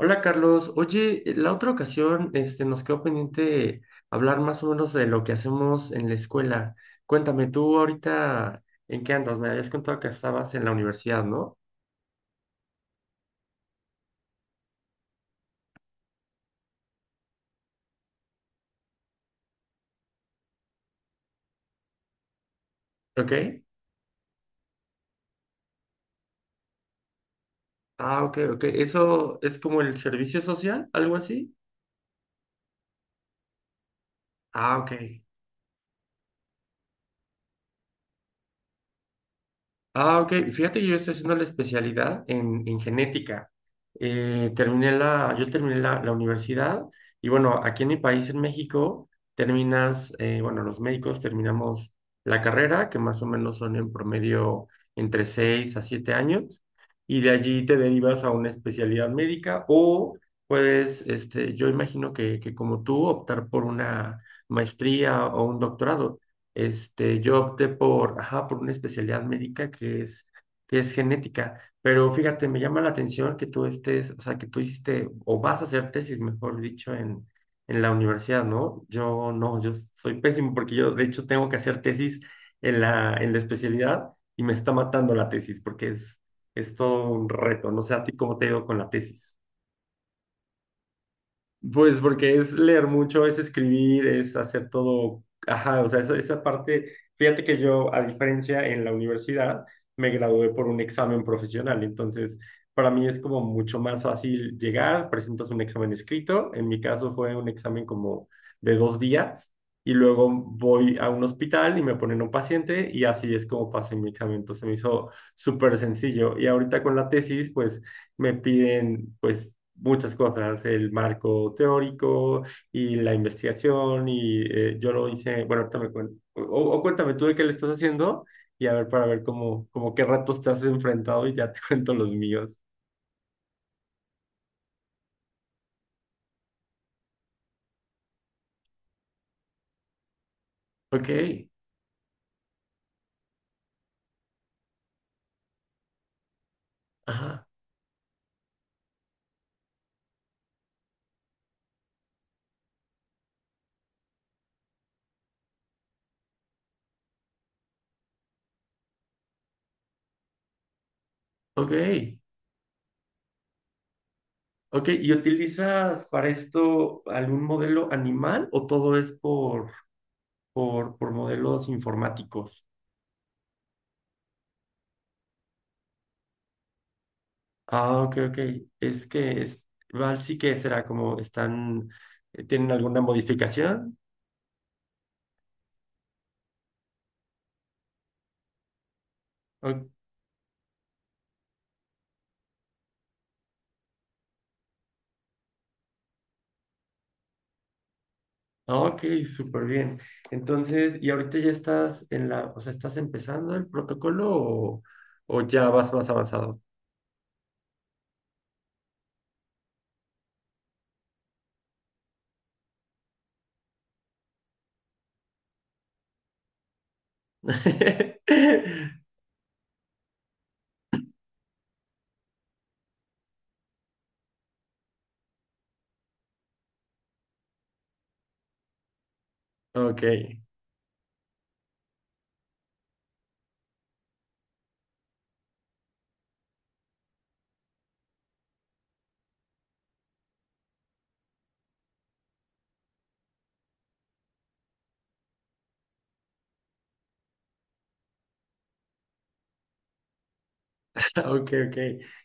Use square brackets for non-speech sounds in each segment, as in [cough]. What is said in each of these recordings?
Hola Carlos, oye, la otra ocasión nos quedó pendiente hablar más o menos de lo que hacemos en la escuela. Cuéntame, tú ahorita, ¿en qué andas? Me habías contado que estabas en la universidad, ¿no? ¿Ok? Ah, ok, ok. ¿Eso es como el servicio social, algo así? Ah, ok. Ah, ok. Fíjate que yo estoy haciendo la especialidad en genética. Yo terminé la universidad y bueno, aquí en mi país, en México, bueno, los médicos terminamos la carrera, que más o menos son en promedio entre 6 a 7 años, y de allí te derivas a una especialidad médica o puedes, yo imagino que como tú, optar por una maestría o un doctorado. Yo opté por, ajá, por una especialidad médica que es genética, pero fíjate, me llama la atención que tú estés, o sea, que tú hiciste, o vas a hacer tesis, mejor dicho, en la universidad, ¿no? Yo no, yo soy pésimo porque yo, de hecho, tengo que hacer tesis en la especialidad y me está matando la tesis porque es todo un reto, no sé a ti cómo te ha ido con la tesis. Pues porque es leer mucho, es escribir, es hacer todo, ajá, o sea, esa parte, fíjate que yo, a diferencia en la universidad, me gradué por un examen profesional, entonces para mí es como mucho más fácil llegar, presentas un examen escrito, en mi caso fue un examen como de 2 días, y luego voy a un hospital y me ponen un paciente, y así es como pasé mi examen, entonces me hizo súper sencillo, y ahorita con la tesis, pues me piden pues muchas cosas, el marco teórico y la investigación y yo lo hice, bueno, ahorita o cuéntame tú de qué le estás haciendo y a ver para ver cómo qué ratos te has enfrentado y ya te [laughs] cuento los míos. Ok, ajá, ok, ok. ¿Y utilizas para esto algún modelo animal o todo es por modelos informáticos? Ah, ok, ok. Es que es, Val sí que será como están, ¿tienen alguna modificación? O- ah, ok, súper bien. Entonces, ¿y ahorita ya estás en la, o sea, estás empezando el protocolo o ya vas más avanzado? [laughs] Ok. [laughs] Ok, ok.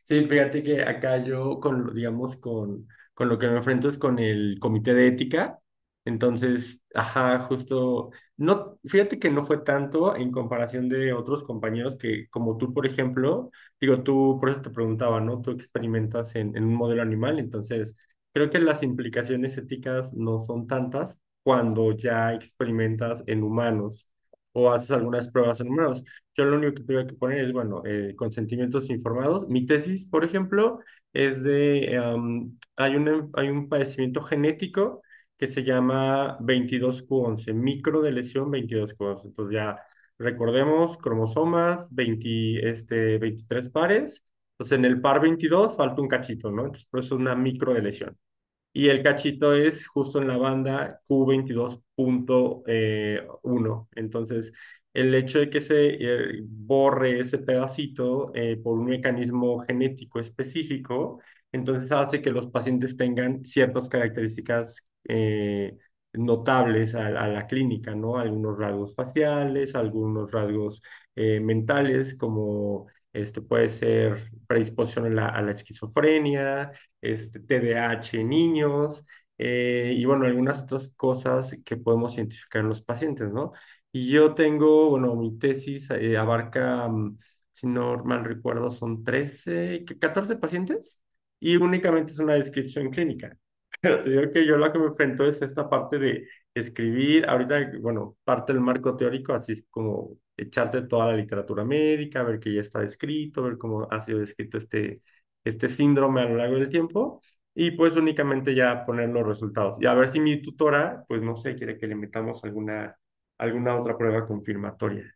Sí, fíjate que acá yo con, digamos, con lo que me enfrento es con el comité de ética. Entonces, ajá, justo, no, fíjate que no fue tanto en comparación de otros compañeros que, como tú, por ejemplo, digo, tú, por eso te preguntaba, ¿no? Tú experimentas en un modelo animal, entonces, creo que las implicaciones éticas no son tantas cuando ya experimentas en humanos o haces algunas pruebas en humanos. Yo lo único que tuve que poner es, bueno, consentimientos informados. Mi tesis, por ejemplo, es de, em, hay un padecimiento genético que se llama 22q11 micro de lesión 22q11. Entonces ya recordemos cromosomas, 20, 23 pares. Entonces en el par 22 falta un cachito, ¿no? Entonces por eso es una micro de lesión. Y el cachito es justo en la banda q22.1. Entonces, el hecho de que se borre ese pedacito por un mecanismo genético específico, entonces hace que los pacientes tengan ciertas características eh, notables a la clínica, ¿no? Algunos rasgos faciales, algunos rasgos mentales, como puede ser predisposición a la esquizofrenia TDAH en niños, y bueno, algunas otras cosas que podemos identificar en los pacientes, ¿no? Y yo tengo, bueno, mi tesis abarca, si no mal recuerdo, son 13, 14 pacientes y únicamente es una descripción clínica. Pero te digo que yo lo que me enfrento es esta parte de escribir, ahorita, bueno, parte del marco teórico, así es como echarte toda la literatura médica, ver que ya está descrito, ver cómo ha sido descrito este síndrome a lo largo del tiempo, y pues únicamente ya poner los resultados. Y a ver si mi tutora, pues no sé, quiere que le metamos alguna otra prueba confirmatoria.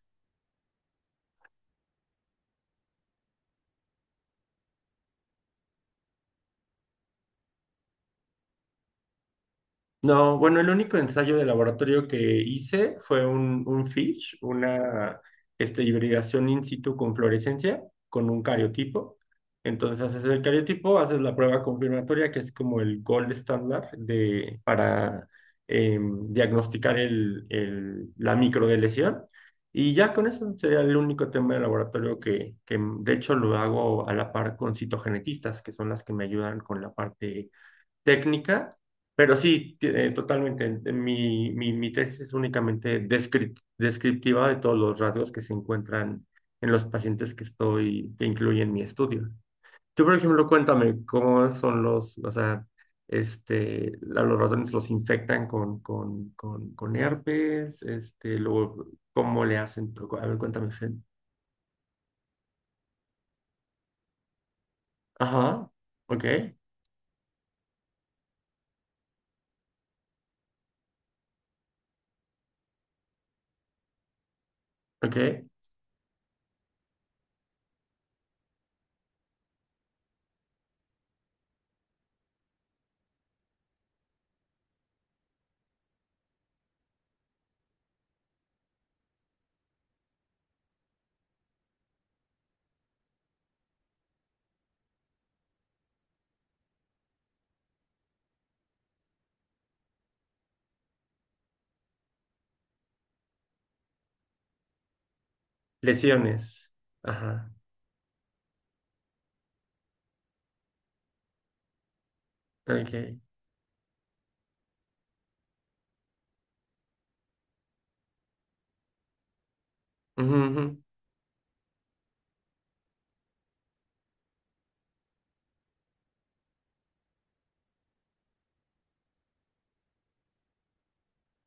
No, bueno, el único ensayo de laboratorio que hice fue un FISH, una hibridación in situ con fluorescencia, con un cariotipo. Entonces haces el cariotipo, haces la prueba confirmatoria, que es como el gold standard para diagnosticar la microdeleción. Y ya con eso sería el único tema de laboratorio que de hecho lo hago a la par con citogenetistas, que son las que me ayudan con la parte técnica, pero sí, totalmente. Mi tesis es únicamente descriptiva de todos los rasgos que se encuentran en los pacientes que incluye en mi estudio. Tú, por ejemplo, cuéntame cómo son los, o sea, los ratones los infectan con herpes, luego, ¿cómo le hacen? A ver, cuéntame. Ese. Ajá, ok, ok. Lesiones. Ajá, ok. Ujú, ujú.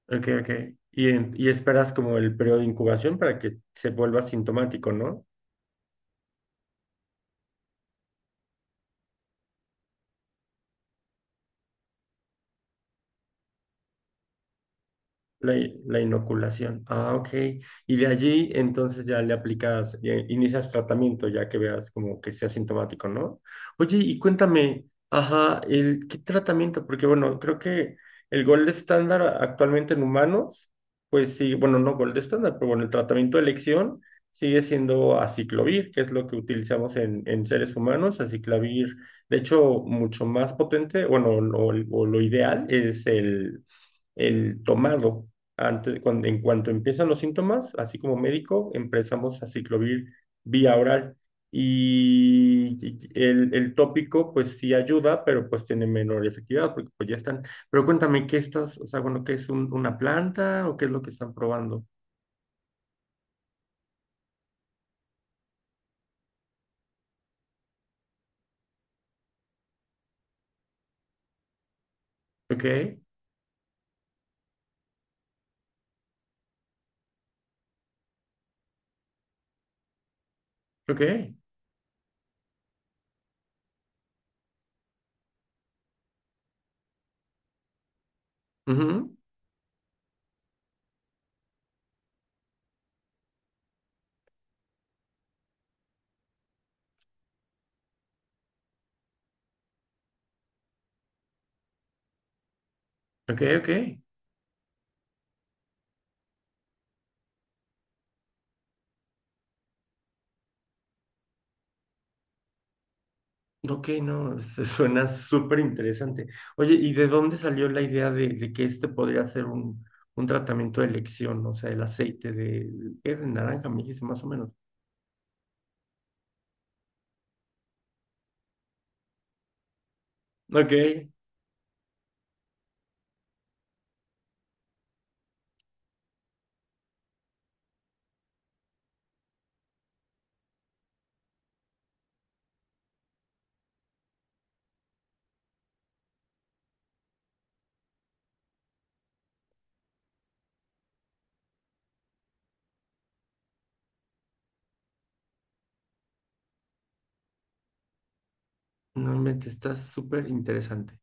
Ok, ok. Y esperas como el periodo de incubación para que se vuelva sintomático, ¿no? La inoculación. Ah, ok. Y de allí entonces ya le aplicas, inicias tratamiento ya que veas como que sea sintomático, ¿no? Oye, y cuéntame, ajá, ¿qué tratamiento? Porque bueno, creo que el gold estándar actualmente en humanos, pues sí, bueno, no gold estándar, pero bueno, el tratamiento de elección sigue siendo aciclovir, que es lo que utilizamos en seres humanos. Aciclovir, de hecho, mucho más potente, bueno, o lo ideal es el tomado. Antes, en cuanto empiezan los síntomas, así como médico, empezamos a ciclovir vía oral. Y el tópico, pues sí ayuda, pero pues tiene menor efectividad, porque pues ya están. Pero cuéntame, ¿qué estás, o sea, bueno, qué es una planta o qué es lo que están probando? Ok, ok, ujú, ok, ok. Ok, no, se suena súper interesante. Oye, ¿y de dónde salió la idea de que este podría ser un tratamiento de elección? O sea, el aceite de, ¿qué? De naranja, me dijiste más o menos. Ok, no, te está súper interesante.